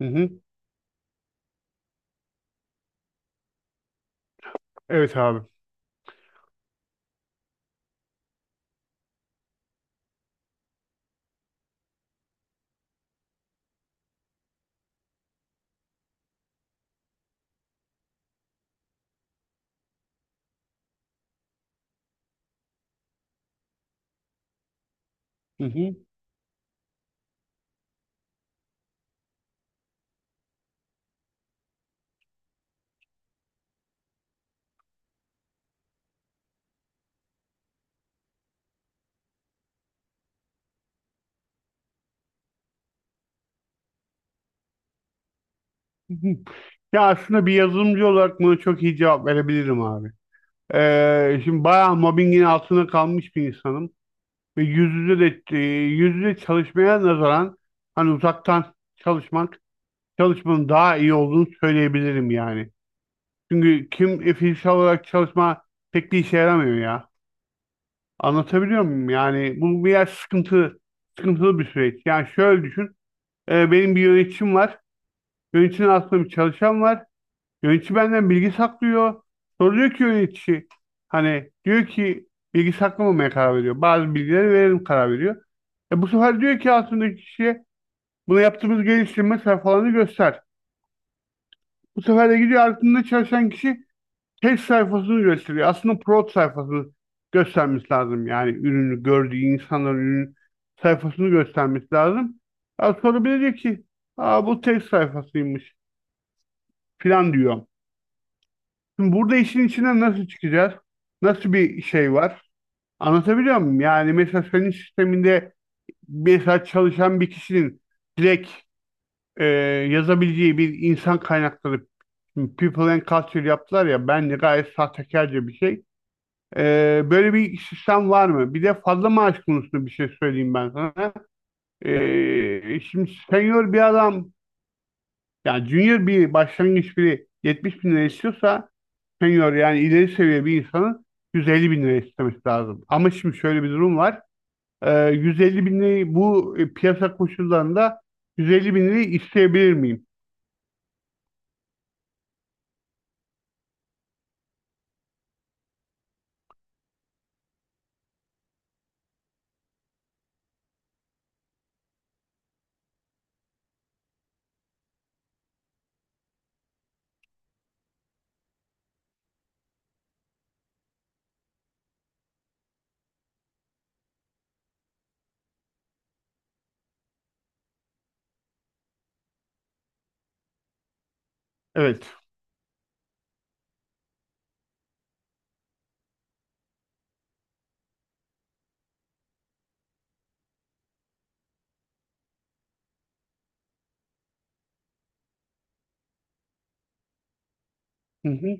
Hı hı. Evet abi. Hı hı. Hı hı. Ya aslında bir yazılımcı olarak buna çok iyi cevap verebilirim abi. Şimdi bayağı mobbingin altında kalmış bir insanım. Ve yüz yüze de yüz yüze çalışmaya nazaran hani uzaktan çalışmak çalışmanın daha iyi olduğunu söyleyebilirim yani. Çünkü kim fiziksel olarak çalışma pek bir işe yaramıyor ya. Anlatabiliyor muyum? Yani bu biraz sıkıntı, sıkıntılı bir süreç. Yani şöyle düşün. Benim bir yöneticim var. Yöneticinin altında bir çalışan var. Yönetici benden bilgi saklıyor. Soruyor ki yönetici hani diyor ki bilgi saklamamaya karar veriyor. Bazı bilgileri verelim karar veriyor. E bu sefer diyor ki altındaki kişiye bunu yaptığımız geliştirme sayfalarını göster. Bu sefer de gidiyor altında çalışan kişi test sayfasını gösteriyor. Aslında prod sayfasını göstermesi lazım. Yani ürünü gördüğü insanların ürün sayfasını göstermesi lazım. Ya sonra bir de diyor ki aa, bu test sayfasıymış falan diyor. Şimdi burada işin içinden nasıl çıkacağız? Nasıl bir şey var? Anlatabiliyor muyum? Yani mesela senin sisteminde mesela çalışan bir kişinin direkt e, yazabileceği bir insan kaynakları, şimdi People and Culture yaptılar ya, bence gayet sahtekarca bir şey. E, böyle bir sistem var mı? Bir de fazla maaş konusunda bir şey söyleyeyim ben sana. E, şimdi senior bir adam, yani junior bir başlangıç biri 70 bin lira istiyorsa senior yani ileri seviye bir insanın 150 bin lira istemesi lazım. Ama şimdi şöyle bir durum var. 150 bin lirayı bu piyasa koşullarında 150 bin lirayı isteyebilir miyim? Evet. Hı hı.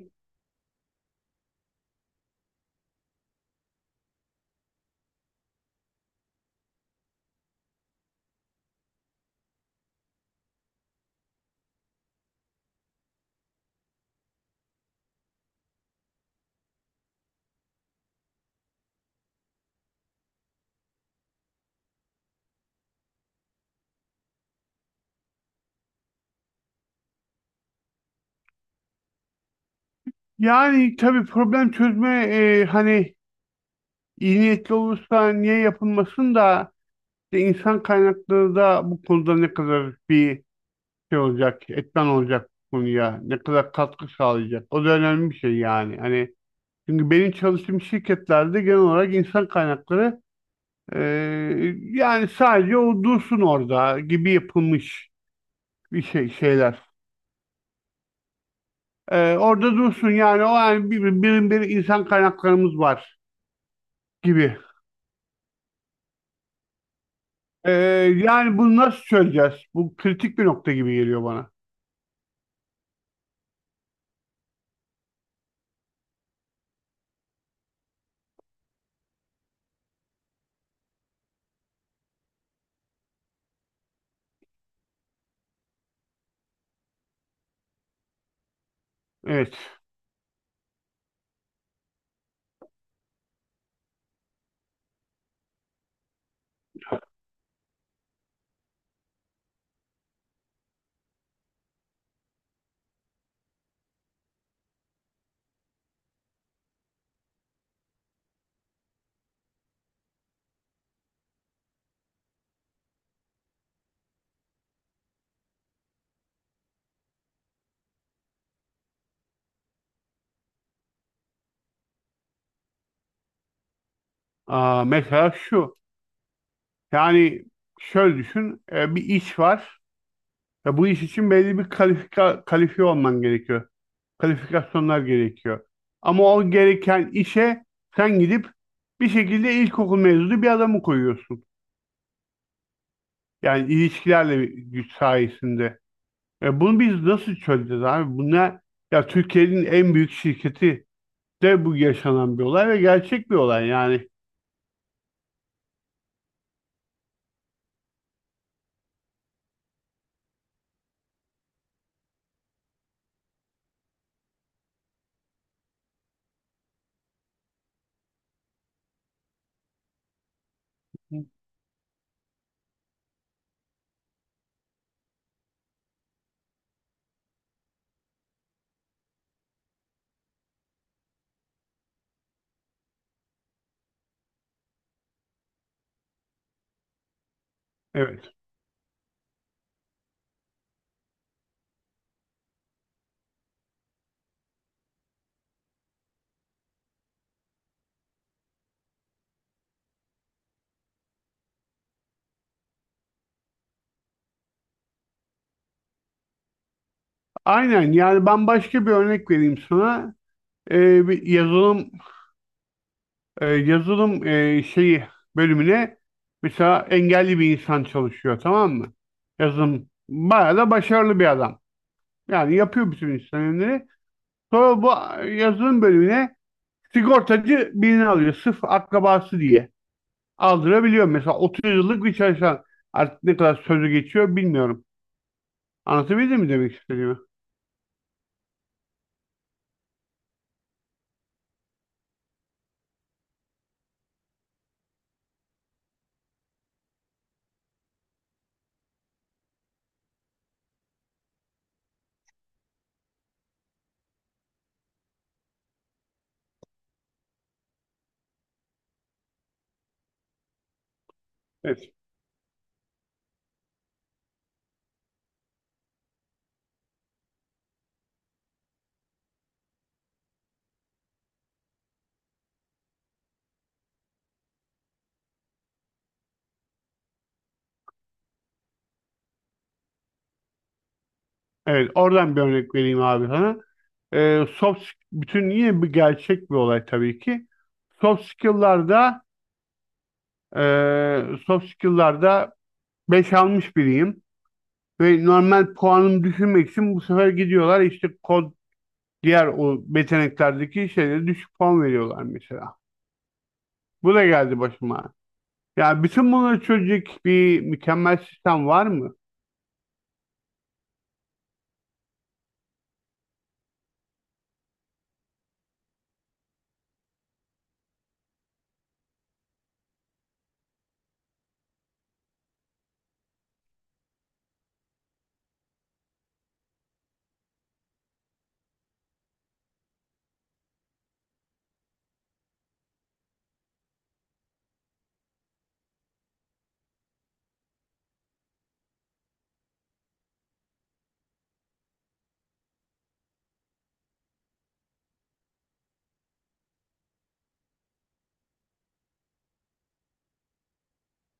Yani tabii problem çözme hani iyi niyetli olursa niye yapılmasın da işte insan kaynakları da bu konuda ne kadar bir şey olacak, etmen olacak bu konuya, ne kadar katkı sağlayacak. O da önemli bir şey yani. Hani çünkü benim çalıştığım şirketlerde genel olarak insan kaynakları e, yani sadece o dursun orada gibi yapılmış bir şey şeyler. E, orada dursun yani o yani bir insan kaynaklarımız var gibi. E, yani bunu nasıl çözeceğiz? Bu kritik bir nokta gibi geliyor bana. Evet. Aa, mesela şu. Yani şöyle düşün. Bir iş var. Ve bu iş için belli bir kalifiye olman gerekiyor. Kalifikasyonlar gerekiyor. Ama o gereken işe sen gidip bir şekilde ilkokul mezunu bir adamı koyuyorsun. Yani ilişkilerle güç sayesinde. E bunu biz nasıl çözeceğiz abi? Bunlar ya Türkiye'nin en büyük şirketi de bu yaşanan bir olay ve gerçek bir olay yani. Evet. Aynen, yani ben başka bir örnek vereyim sana. E, bir yazılım şeyi bölümüne mesela engelli bir insan çalışıyor, tamam mı? Yazılım bayağı da başarılı bir adam. Yani yapıyor bütün işlemleri. Sonra bu yazılım bölümüne sigortacı birini alıyor. Sırf akrabası diye aldırabiliyor. Mesela 30 yıllık bir çalışan artık ne kadar sözü geçiyor bilmiyorum. Anlatabildim mi demek istediğimi? Evet. Evet, oradan bir örnek vereyim abi sana. E, soft, bütün yine bir gerçek bir olay tabii ki. Soft skill'larda Soft skill'larda 5 almış biriyim. Ve normal puanımı düşürmek için bu sefer gidiyorlar işte kod, diğer o yeteneklerdeki şeylere düşük puan veriyorlar mesela. Bu da geldi başıma. Yani bütün bunları çözecek bir mükemmel sistem var mı?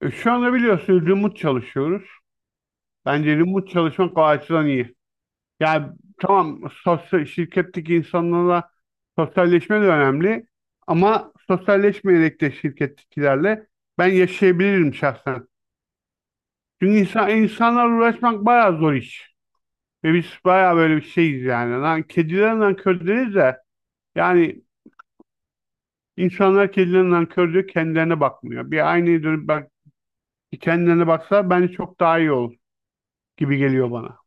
E, şu anda biliyorsunuz remote çalışıyoruz. Bence remote çalışmak o açıdan iyi. Yani tamam, sosyal, şirketteki insanlarla sosyalleşme de önemli ama sosyalleşmeyerek de şirkettekilerle ben yaşayabilirim şahsen. Çünkü insanlarla uğraşmak bayağı zor iş. Ve biz bayağı böyle bir şeyiz yani. Lan kediler nankör deriz de yani insanlar kediler nankör diyor, kendilerine bakmıyor. Bir aynaya dönüp bak, kendilerine baksa bence çok daha iyi olur gibi geliyor bana.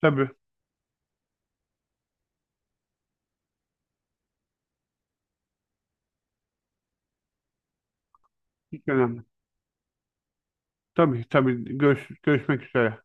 Tabii. Hiç önemli. Tabii tabii. Görüşmek üzere.